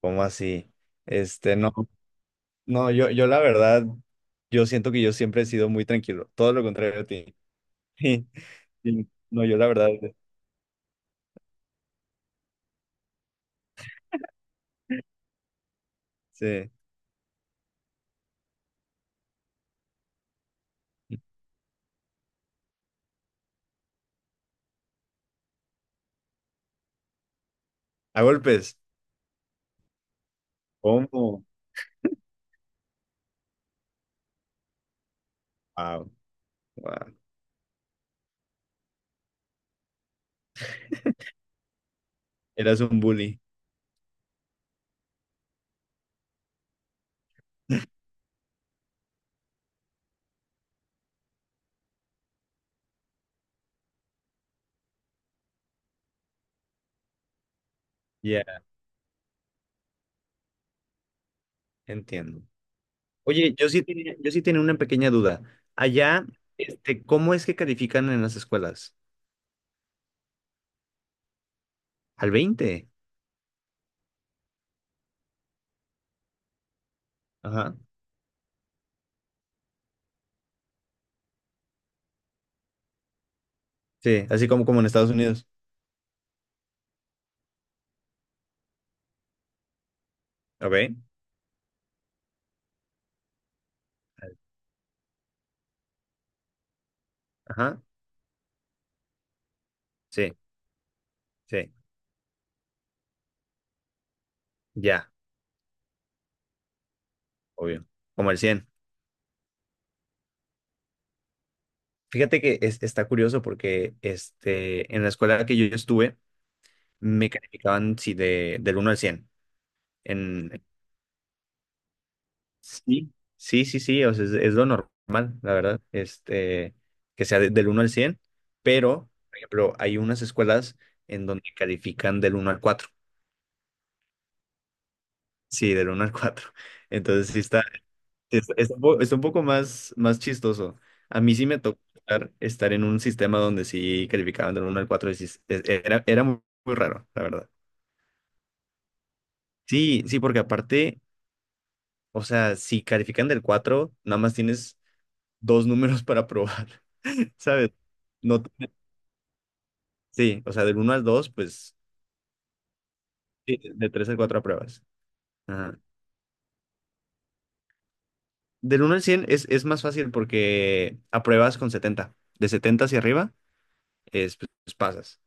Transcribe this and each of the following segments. ¿Cómo así? Este, no, no, yo la verdad, yo siento que yo siempre he sido muy tranquilo, todo lo contrario a ti. Sí, sí. No, yo la verdad, sí. A golpes. ¿Cómo? Wow, wow. Eras un bully. Ya, entiendo. Oye, yo sí tenía una pequeña duda. Allá, este, ¿cómo es que califican en las escuelas? Al 20. Ajá. Sí, así como en Estados Unidos. Ok. Ajá. Sí, sí. Ya, obvio. Como el 100. Fíjate que está curioso porque este, en la escuela que yo estuve me calificaban sí, del uno al 100. En, sí, sí, sí, sí, o sea, es lo normal, la verdad, este, que sea del uno al 100, pero, por ejemplo, hay unas escuelas en donde califican del uno al cuatro. Sí, del uno al cuatro. Entonces sí está, es un po- está un poco más chistoso. A mí sí me tocó estar en un sistema donde sí calificaban del uno al 4 y sí era muy muy raro, la verdad. Sí, sí, porque aparte, o sea, si califican del 4, nada más tienes dos números para probar, ¿sabes? No, sí, o sea, del uno al 2, pues sí, de 3 al 4 apruebas. Ajá. Del 1 al 100 es más fácil porque apruebas con 70. De 70 hacia arriba, es, pues, pasas.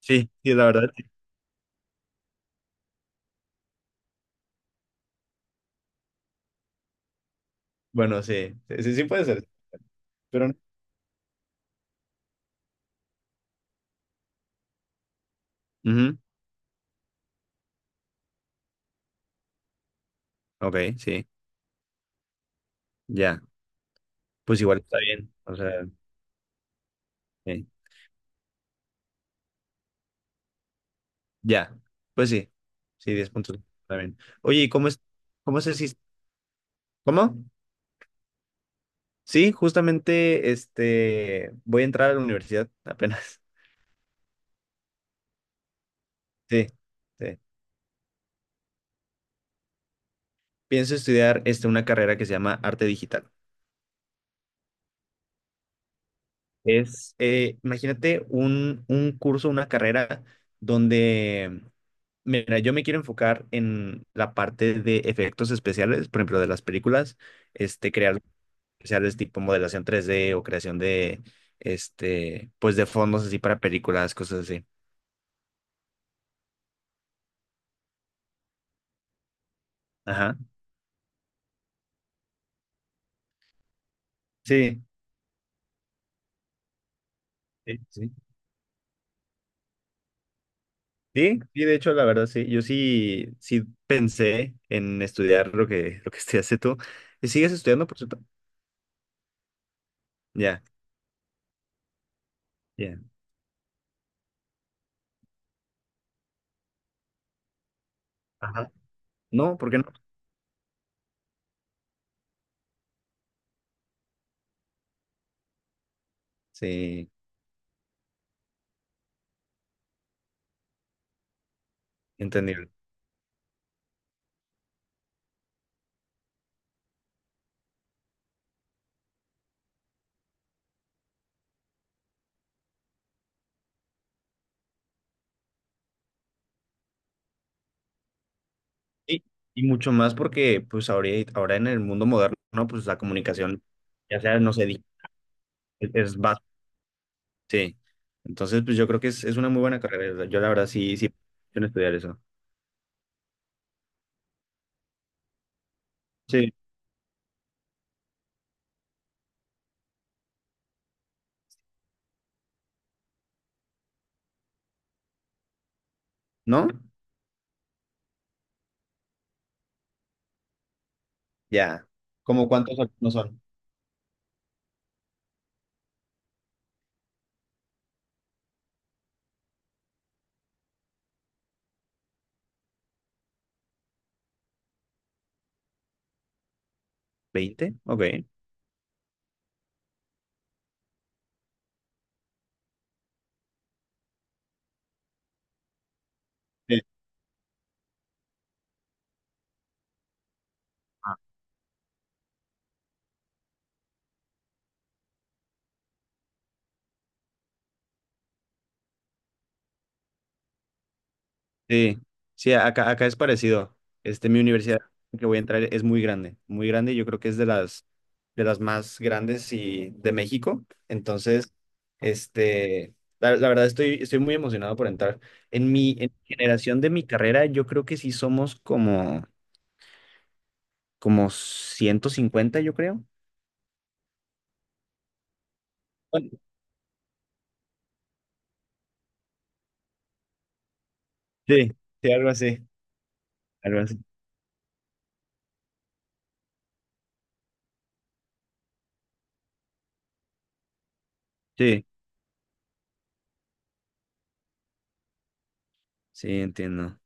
Sí, sí, la verdad. Sí. Bueno, sí, sí, sí sí puede ser, pero no. Ujú. Ok, sí, ya. Pues igual está bien, o sea, sí. Ya, pues sí, sí, 10 puntos. Está bien. Oye, ¿y cómo es el sis-? ¿Cómo? Sí, justamente, este, voy a entrar a la universidad apenas. Sí, sí. Pienso estudiar, este, una carrera que se llama arte digital. Imagínate un curso, una carrera donde, mira, yo me quiero enfocar en la parte de efectos especiales, por ejemplo, de las películas, este, crear especiales tipo modelación 3D o creación este, pues de fondos así para películas, cosas así. Ajá. Sí, sí, sí. Sí, sí, de hecho, la verdad, sí. Yo sí, sí pensé en estudiar lo que estudiaste tú. ¿Y sigues estudiando, por cierto? Ya, ya. Ajá. No, ¿por qué no? Sí, entendible. Y, y mucho más porque, pues, ahora en el mundo moderno, pues, la comunicación, ya sea, no sé, es básica. Sí. Entonces, pues yo creo que es una muy buena carrera. O sea, yo la verdad sí, sí, quiero estudiar eso. Sí. ¿No? Ya. ¿Cómo cuántos no son? Veinte. Ok. Sí. Sí. Sí, acá es parecido. Este, mi universidad que voy a entrar es muy grande, muy grande. Yo creo que es de las más grandes y de México. Entonces, este, la verdad estoy muy emocionado por entrar. En mi generación de mi carrera, yo creo que sí somos como 150 yo creo. Bueno, sí, sí, algo así, algo así. Sí, sí, entiendo.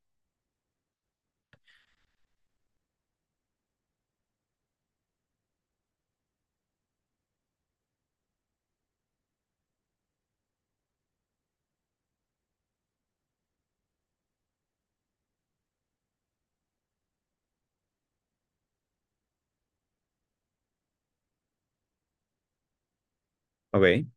Ok,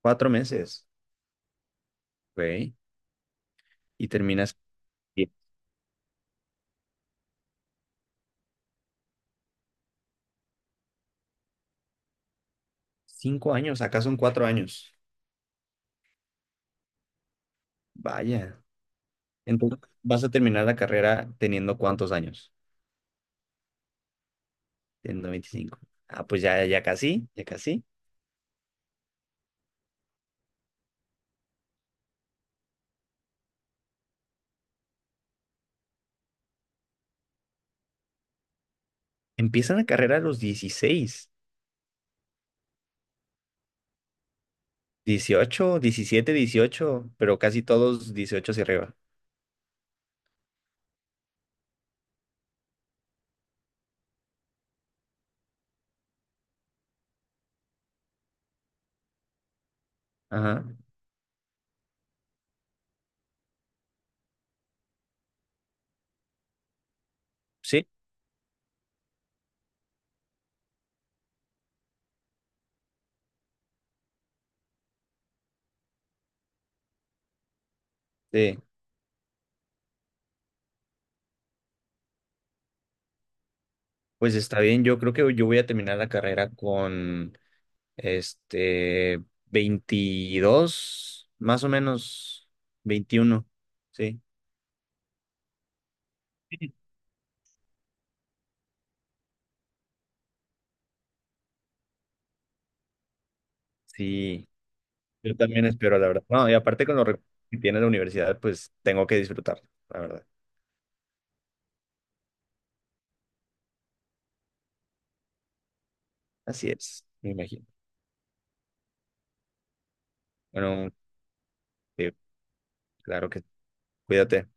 4 meses. Ok, y terminas bien. 5 años, acá son 4 años. Vaya. Entonces, ¿vas a terminar la carrera teniendo cuántos años? Teniendo 25. Ah, pues ya, ya casi, ya casi. Empiezan la carrera a los 16. 18, 17, 18, pero casi todos 18 hacia arriba. Ajá, sí, sí. Pues está bien, yo creo que yo voy a terminar la carrera con, este, 22 más o menos, 21. Sí, sí, yo también espero, la verdad. No, y aparte con los que tiene la universidad, pues tengo que disfrutar, la verdad. Así es, me imagino. Bueno, sí, claro que cuídate.